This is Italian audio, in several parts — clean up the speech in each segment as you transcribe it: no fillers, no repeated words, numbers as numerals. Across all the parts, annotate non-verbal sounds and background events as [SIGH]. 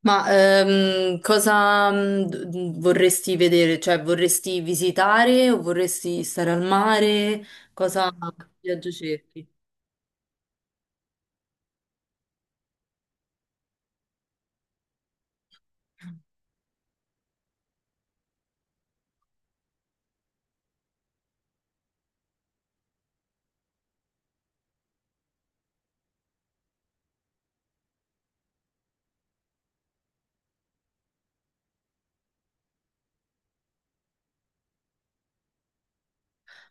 Ma cosa vorresti vedere? Cioè, vorresti visitare o vorresti stare al mare? Cosa che viaggio cerchi?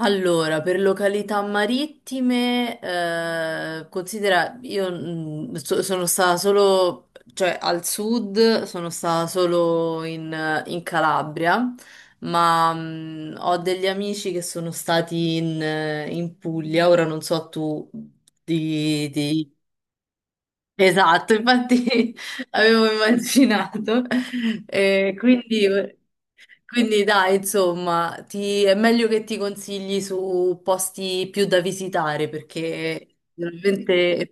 Allora, per località marittime, considera, io sono stata solo, cioè al sud, sono stata solo in Calabria, ma ho degli amici che sono stati in Puglia, ora non so tu di. Esatto, infatti, [LAUGHS] avevo immaginato. Quindi, quindi dai, insomma, è meglio che ti consigli su posti più da visitare perché veramente...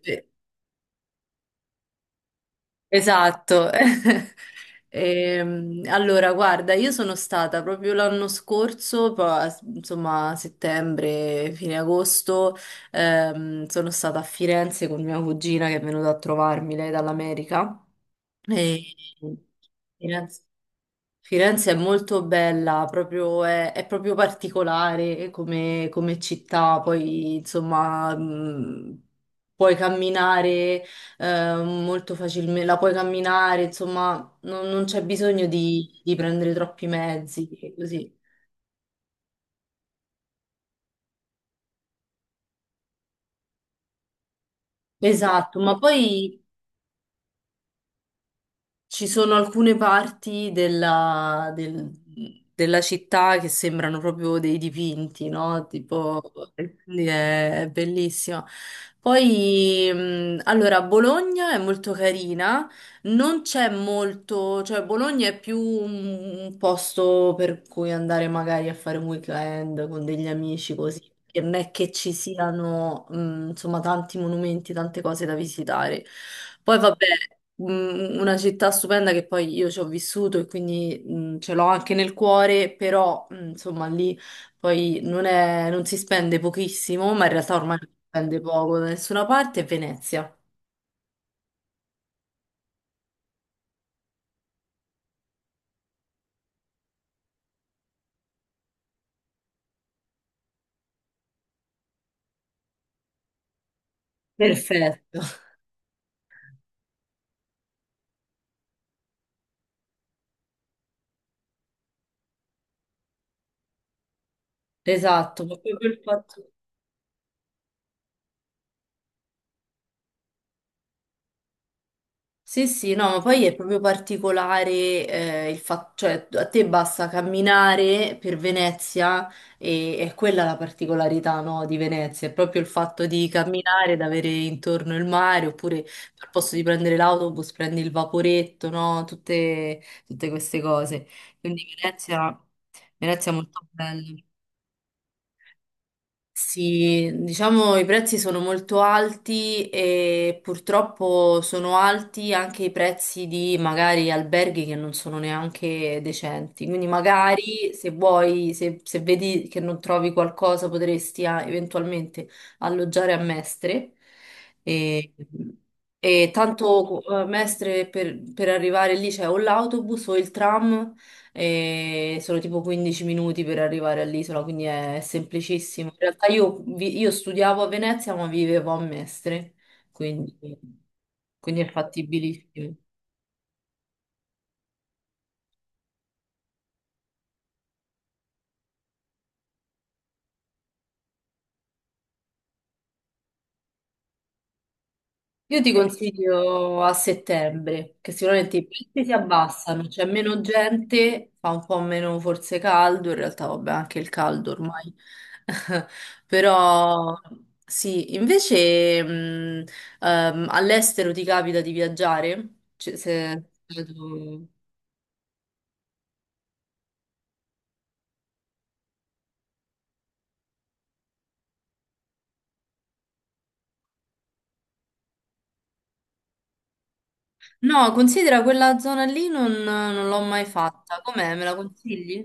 Esatto. [LAUGHS] Allora, guarda, io sono stata proprio l'anno scorso, poi, insomma, settembre, fine agosto, sono stata a Firenze con mia cugina che è venuta a trovarmi, lei dall'America. E Firenze, Firenze è molto bella, è proprio particolare come, come città, poi insomma puoi camminare molto facilmente, la puoi camminare, insomma non c'è bisogno di prendere troppi mezzi, così. Esatto, ma poi ci sono alcune parti della città che sembrano proprio dei dipinti, no? Tipo, e quindi è bellissima. Poi, allora, Bologna è molto carina, non c'è molto, cioè Bologna è più un posto per cui andare magari a fare un weekend con degli amici così. Che non è che ci siano, insomma, tanti monumenti, tante cose da visitare. Poi vabbè, mm, una città stupenda che poi io ci ho vissuto e quindi mm, ce l'ho anche nel cuore, però mm, insomma lì poi non si spende pochissimo, ma in realtà ormai non si spende poco da nessuna parte, è Venezia. Perfetto, [LAUGHS] esatto, proprio quel fatto. Sì, sì, no, ma poi è proprio particolare, il fatto, cioè a te basta camminare per Venezia e è quella la particolarità, no, di Venezia, è proprio il fatto di camminare, ed avere intorno il mare, oppure al posto di prendere l'autobus prendi il vaporetto, no, tutte, tutte queste cose. Quindi Venezia, Venezia è molto bella. Sì, diciamo i prezzi sono molto alti e purtroppo sono alti anche i prezzi di magari alberghi che non sono neanche decenti. Quindi magari se vuoi, se, se vedi che non trovi qualcosa, potresti ah, eventualmente alloggiare a Mestre. E, e tanto Mestre per arrivare lì c'è o l'autobus o il tram e sono tipo 15 minuti per arrivare all'isola, quindi è semplicissimo. In realtà io, io studiavo a Venezia, ma vivevo a Mestre, quindi, quindi è fattibilissimo. Io ti eh, consiglio a settembre, che sicuramente i prezzi si abbassano, c'è meno gente, fa un po' meno forse caldo, in realtà vabbè anche il caldo ormai, [LAUGHS] però sì, invece all'estero ti capita di viaggiare? Cioè, se... No, considera quella zona lì non l'ho mai fatta, com'è? Me la consigli?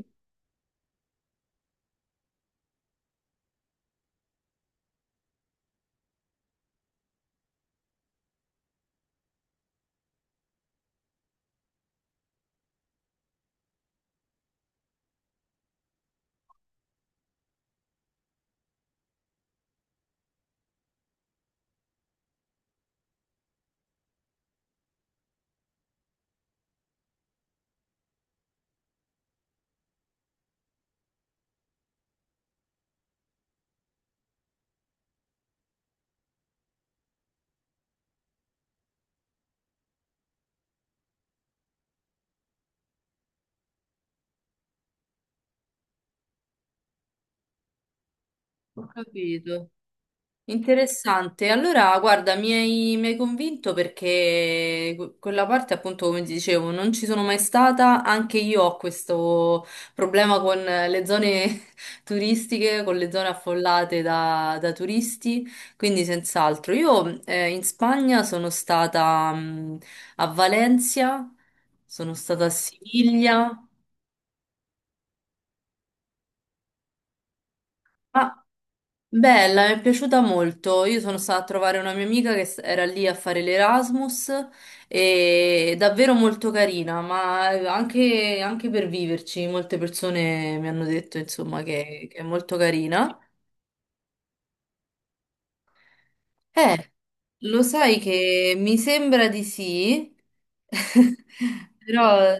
Ho capito. Interessante. Allora, guarda, mi hai convinto perché quella parte, appunto, come ti dicevo, non ci sono mai stata. Anche io ho questo problema con le zone [LAUGHS] turistiche, con le zone affollate da turisti, quindi senz'altro. Io in Spagna sono stata a Valencia, sono stata a Siviglia. Ah, bella, mi è piaciuta molto. Io sono stata a trovare una mia amica che era lì a fare l'Erasmus e è davvero molto carina, ma anche, anche per viverci, molte persone mi hanno detto, insomma, che è molto carina. Eh, lo sai che mi sembra di sì, [LAUGHS] però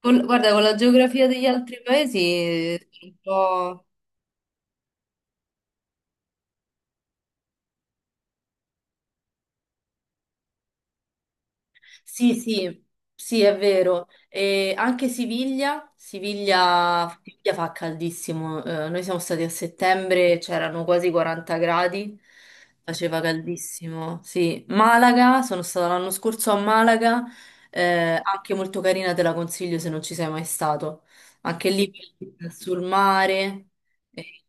con- guarda, con la geografia degli altri paesi sono un po'... Sì, sì, è vero. E anche Siviglia, Siviglia fa caldissimo. Noi siamo stati a settembre, c'erano quasi 40 gradi, faceva caldissimo. Sì, Malaga, sono stata l'anno scorso a Malaga, anche molto carina, te la consiglio se non ci sei mai stato. Anche lì sul mare, e-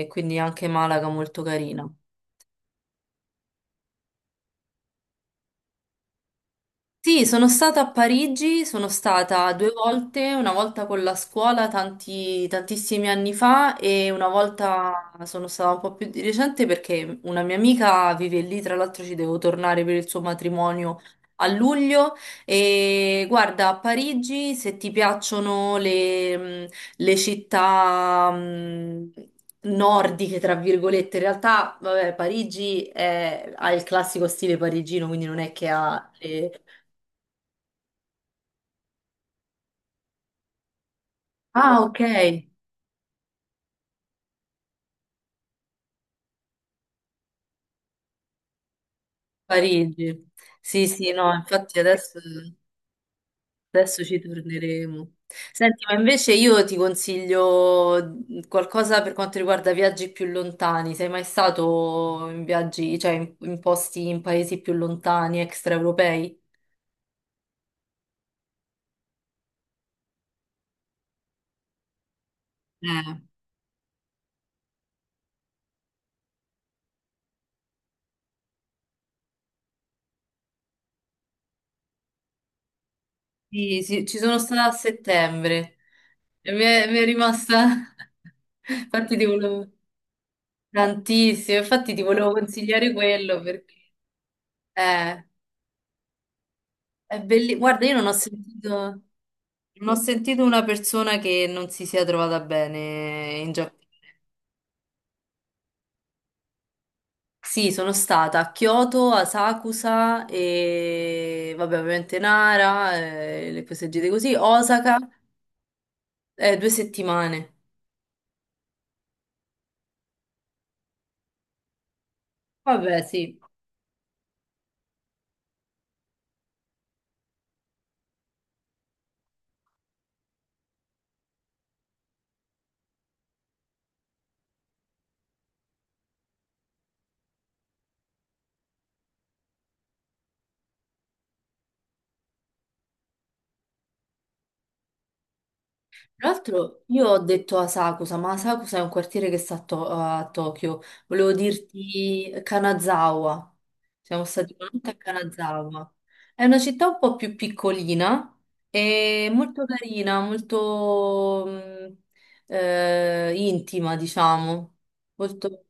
e quindi anche Malaga molto carina. Sì, sono stata a Parigi, sono stata 2 volte, una volta con la scuola tantissimi anni fa e una volta sono stata un po' più di recente perché una mia amica vive lì, tra l'altro ci devo tornare per il suo matrimonio a luglio e guarda, a Parigi se ti piacciono le città nordiche, tra virgolette, in realtà, vabbè, ha il classico stile parigino, quindi non è che ha... le... Ah, ok, Parigi. Sì, sì, no, infatti adesso, adesso ci torneremo. Senti, ma invece io ti consiglio qualcosa per quanto riguarda viaggi più lontani. Sei mai stato in viaggi, cioè in posti in paesi più lontani, extraeuropei? Eh, sì, sì, ci sono stata a settembre e mi è rimasta... [LAUGHS] Infatti ti volevo... Tantissimo, infatti ti volevo consigliare quello perché... Eh, guarda, io non ho sentito, non ho sentito una persona che non si sia trovata bene in Giappone. Sì, sono stata a Kyoto, a Sakusa e vabbè, ovviamente Nara, le cose gite così, Osaka, 2 settimane. Vabbè, sì. Tra l'altro io ho detto Asakusa, ma Asakusa è un quartiere che sta a, a Tokyo. Volevo dirti Kanazawa. Siamo stati 1 notte a Kanazawa. È una città un po' più piccolina e molto carina, molto intima, diciamo. Molto...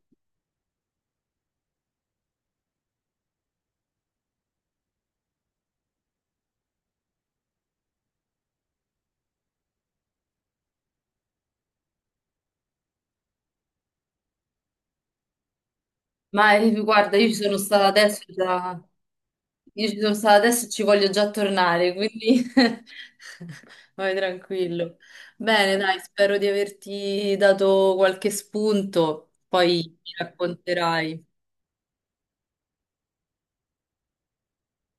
Ma guarda, io ci sono stata adesso già, io ci sono stata adesso e ci voglio già tornare, quindi [LAUGHS] vai tranquillo. Bene, dai, spero di averti dato qualche spunto, poi mi racconterai.